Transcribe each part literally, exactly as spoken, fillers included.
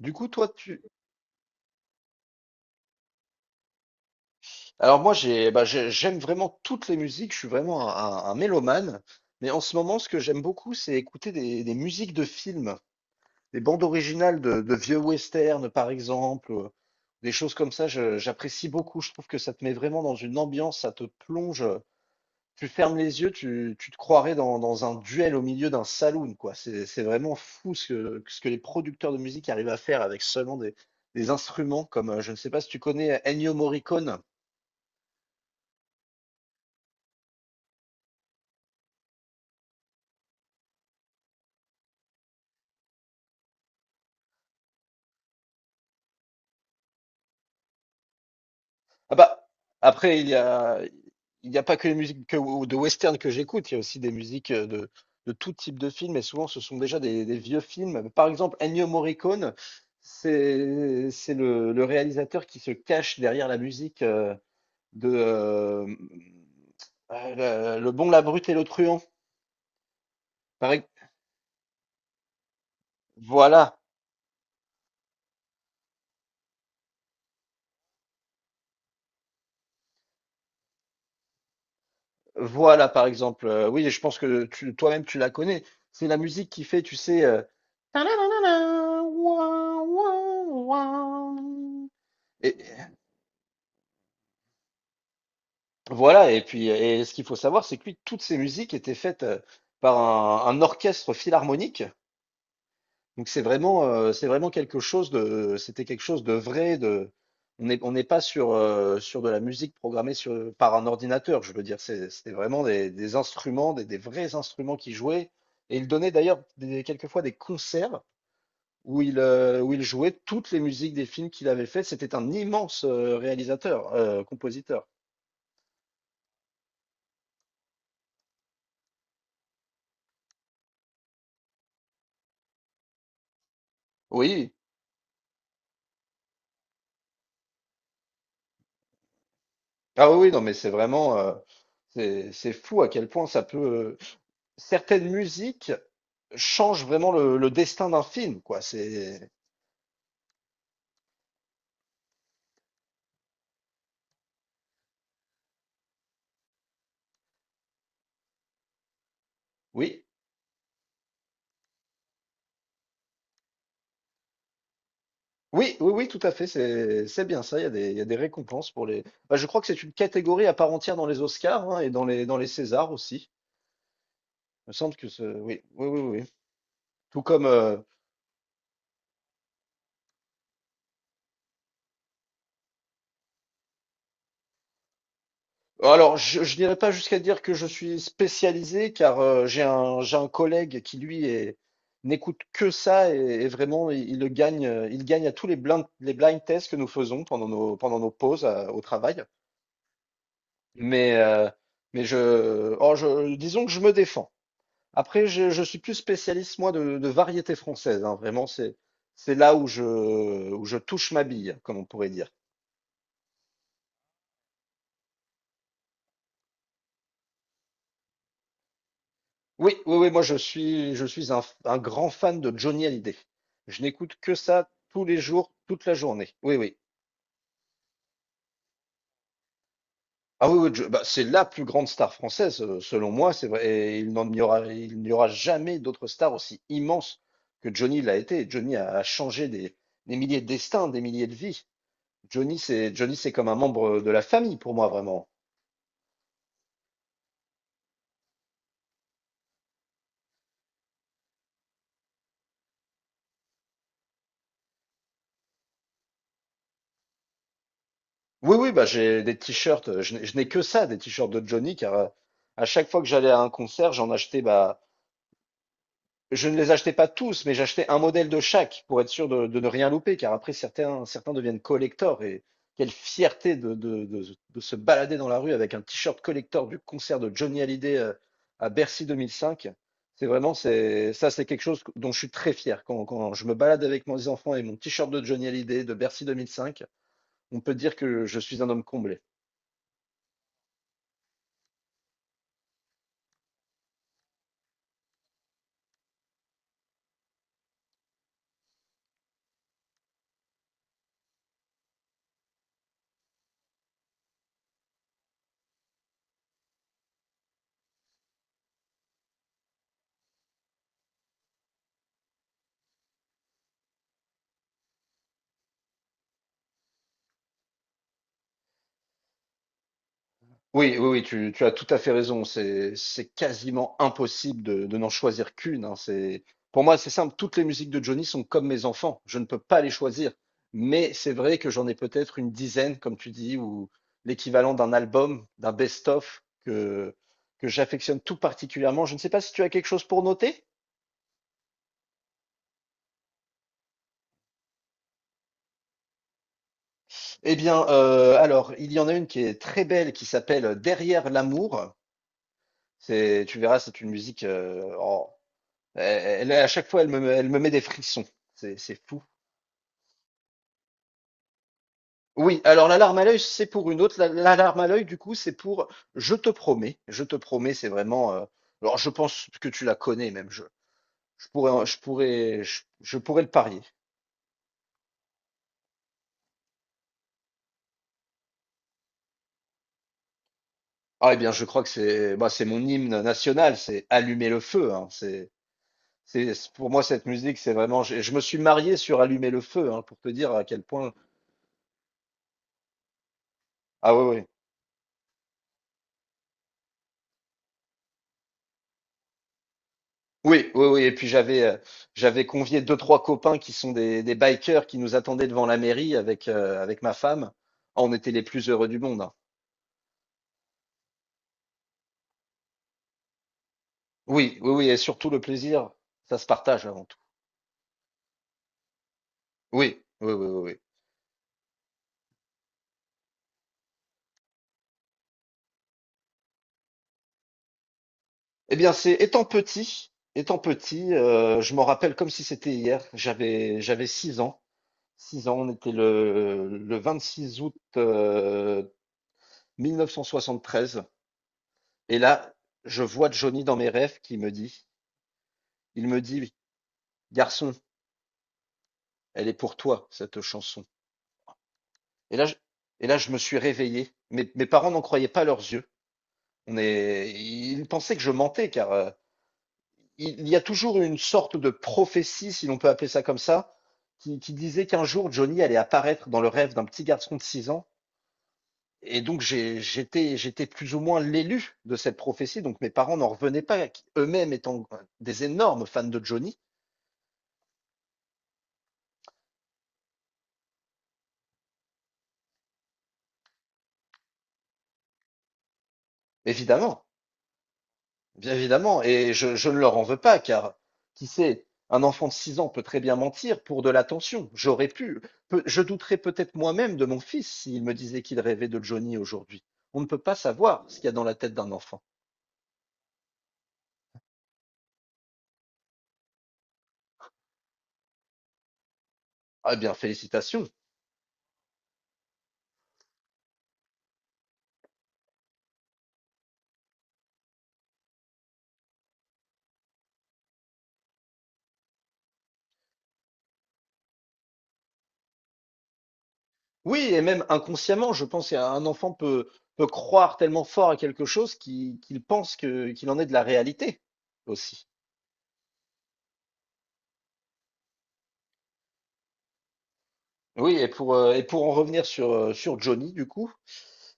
Du coup, toi, tu... Alors moi, j'ai, bah, j'ai- j'aime vraiment toutes les musiques, je suis vraiment un, un- un mélomane, mais en ce moment, ce que j'aime beaucoup, c'est écouter des, des musiques de films, des bandes originales de, de vieux westerns, par exemple, euh, des choses comme ça, je- j'apprécie beaucoup, je trouve que ça te met vraiment dans une ambiance, ça te plonge, tu fermes les yeux, tu, tu te croirais dans, dans un duel au milieu d'un saloon, quoi. C'est, c'est vraiment fou ce que, ce que les producteurs de musique arrivent à faire avec seulement des, des instruments, comme, euh, je ne sais pas si tu connais Ennio Morricone. Ah bah, après, il y a, il n'y a pas que les musiques que- ou de western que j'écoute, il y a aussi des musiques euh, de, de tout type de films, et souvent ce sont déjà des, des vieux films. Par exemple, Ennio Morricone, c'est, c'est le, le réalisateur qui se cache derrière la musique euh, de euh, euh, Le Le Bon, la Brute et le Truand. Par ex- voilà. Voilà, par exemple, heu, oui, je pense que tu toi-même, tu la connais. C'est la musique qui fait, tu sais, heu, et et voilà. Et puis et ce qu'il faut savoir, c'est que lui, toutes ces musiques étaient faites, heu, par un un orchestre philharmonique. Donc c'est vraiment, euh, c'est vraiment quelque chose de, c'était quelque chose de vrai, de, on n'est on n'est pas sur, euh, sur de la musique programmée sur, par un ordinateur, je veux dire, c'est- c'était vraiment des, des instruments, des, des vrais instruments qui jouaient, et il donnait d'ailleurs des- quelquefois des concerts où il, euh, où il jouait toutes les musiques des films qu'il avait fait, c'était un immense euh, réalisateur, euh, compositeur. Oui, ah oui, oui, non mais c'est vraiment, euh, c'est, c'est fou à quel point ça peut, certaines musiques change vraiment le, le destin d'un film, quoi. C'est oui, oui, oui, oui, tout à fait. C'est c'est bien ça. Il y a des, il y a des récompenses pour les. Bah, je crois que c'est une catégorie à part entière dans les Oscars, hein, et dans les dans les Césars aussi. Il me semble que ce... oui, oui, oui, oui. Tout comme. euh, Alors, je, je n'irai pas jusqu'à dire que je suis spécialisé, car euh, j'ai un j'ai un collègue qui lui est n'écoute que ça et, et vraiment il, il le gagne. euh, Il gagne à tous les blind les blind tests que nous faisons pendant nos pendant nos pauses à- au travail. Mais, euh, mais je, oh, je, disons que je me défends. Après, je, je suis plus spécialiste, moi, de, de variété française, hein. Vraiment, c'est, c'est là où je, où je touche ma bille, comme on pourrait dire. Oui, oui, oui, moi, je suis, je suis un, f- un grand fan de Johnny Hallyday. Je n'écoute que ça tous les jours, toute la journée. Oui, oui. Ah oui, oui, je- bah, c'est la plus grande star française, euh, selon moi, c'est vrai. Et il n'en y aura, il n'y aura jamais d'autres stars aussi immenses que Johnny l'a été. Johnny a, a changé des, des milliers de destins, des milliers de vies. Johnny, c'est Johnny, c'est comme un membre de la famille pour moi, vraiment. Oui, oui, bah j'ai des t-shirts. euh, Je n'ai je n'ai que ça, des t-shirts de Johnny, car euh, à chaque fois que j'allais à un concert, j'en achetais bah je ne les achetais pas tous, mais j'achetais un modèle de chaque pour être sûr de, de ne rien louper, car après certains, certains deviennent collectors et quelle fierté de, de- de- de se balader dans la rue avec un t-shirt collector du concert de Johnny Hallyday euh, à Bercy deux mille cinq. C'est vraiment, c'est, ça, c'est quelque chose dont je suis très fier. Quand, quand je me balade avec mes enfants et mon t-shirt de Johnny Hallyday de Bercy deux mille cinq, on peut dire que je suis un homme comblé. Oui, oui, oui, tu, tu as tout à fait raison. C'est, c'est quasiment impossible de, de n'en choisir qu'une, hein. C'est, pour moi, c'est simple. Toutes les musiques de Johnny sont comme mes enfants. Je ne peux pas les choisir. Mais c'est vrai que j'en ai peut-être une dizaine, comme tu dis, ou l'équivalent d'un album, d'un best-of que, que j'affectionne tout particulièrement. Je ne sais pas si tu as quelque chose pour noter. Eh bien, euh, alors, il y en a une qui est très belle, qui s'appelle Derrière l'amour. C'est, tu verras, c'est une musique euh, Elle, elle- à chaque fois, elle me, elle me met des frissons. C'est c'est fou. Oui, alors l'alarme à l'œil, c'est pour une autre. La- L'alarme à l'œil, du coup, c'est pour je te promets. Je te promets, c'est vraiment. Euh, alors, je pense que tu la connais même. Je, je pourrais, en- je pourrais, je, je pourrais le parier. Ah, eh bien, je crois que c'est, bah, c'est mon hymne national. C'est Allumer le feu, hein. C'est, c'est, c'est- pour moi, cette musique, c'est vraiment. Je, je me suis marié sur Allumer le feu, hein, pour te dire à quel point. Ah ouais, ouais. Oui, oui, oui. Et puis j'avais euh, j'avais convié deux, trois copains qui sont des, des bikers qui nous attendaient devant la mairie avec, euh, avec ma femme. Ah, on était les plus heureux du monde, hein. Oui, oui, oui. Et surtout le plaisir, ça se partage avant tout. Oui, oui, oui, oui, oui. Eh bien, c'est étant petit, étant petit, euh, je m'en rappelle comme si c'était hier. J'avais j'avais six ans. Six ans, on était le, le vingt-six août euh, treize. Et là, je vois Johnny dans mes rêves qui me dit, il me dit, garçon. Elle est pour toi, cette chanson. Et là, je, et là, je me suis réveillé. Mes, mes parents n'en croyaient pas leurs yeux. On est, ils pensaient que je mentais, car euh, il y a toujours une sorte de prophétie, si l'on peut appeler ça comme ça, qui, qui disait qu'un jour Johnny allait apparaître dans le rêve d'un petit garçon de six ans. Et donc j'ai- j'étais j'étais plus ou moins l'élu de cette prophétie. Donc mes parents n'en revenaient pas, eux-mêmes étant des énormes fans de Johnny, évidemment. Bien évidemment, et je, je ne leur en veux pas, car qui sait, un enfant de six ans peut très bien mentir pour de l'attention. J'aurais pu, Peu- je douterais peut-être moi-même de mon fils s'il me disait qu'il rêvait de Johnny aujourd'hui. On ne peut pas savoir ce qu'il y a dans la tête d'un enfant. Ah bien, félicitations. Oui, et même inconsciemment, je pense qu'un enfant peut, peut croire tellement fort à quelque chose qu'il qu'il pense que, qu'il en est de la réalité aussi. Oui, et pour, euh, et pour en revenir sur, euh, sur Johnny, du coup.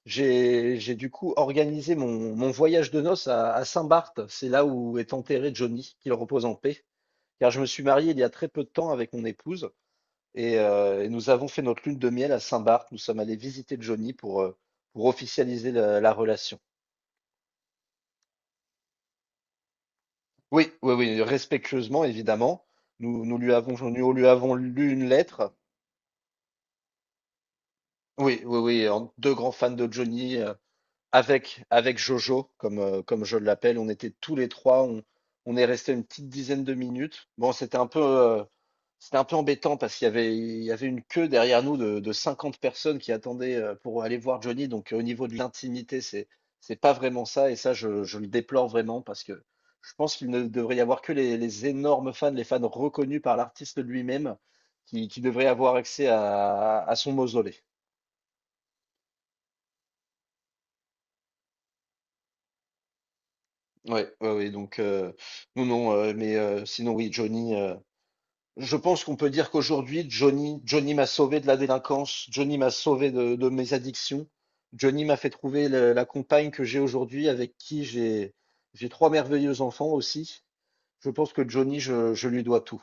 J'ai j'ai du coup organisé mon, mon voyage de noces à, à Saint-Barth. C'est là où est enterré Johnny, qu'il repose en paix. Car je me suis marié il y a très peu de temps avec mon épouse et, euh, et nous avons fait notre lune de miel à Saint-Barth. Nous sommes allés visiter Johnny pour, euh, pour officialiser la, la relation. Oui, oui, oui, respectueusement, évidemment. Nous, nous lui avons, nous lui avons lu une lettre. Oui, oui, oui, en deux grands fans de Johnny. euh, Avec, avec Jojo, comme, euh, comme je l'appelle, on était tous les trois, on, on est resté une petite dizaine de minutes. Bon, c'était un peu, euh, c'était un peu embêtant parce qu'il y avait, il y avait une queue derrière nous de, de cinquante personnes qui attendaient euh, pour aller voir Johnny. Donc, euh, au niveau de l'intimité, c'est, c'est pas vraiment ça. Et ça, je, je le déplore vraiment parce que je pense qu'il ne devrait y avoir que les, les énormes fans, les fans reconnus par l'artiste lui-même, qui, qui devraient avoir accès à, à son mausolée. Ouais, ouais, ouais, donc heu, non, non, heu, mais heu, sinon oui, Johnny, heu, je pense qu'on peut dire qu'aujourd'hui, Johnny Johnny m'a sauvé de la délinquance, Johnny m'a sauvé de de mes addictions, Johnny m'a fait trouver le la compagne que j'ai aujourd'hui, avec qui j'ai j'ai trois merveilleux enfants aussi. Je pense que Johnny, je je lui dois tout.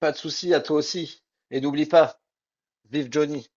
Pas de souci, à toi aussi et n'oublie pas, vive Johnny!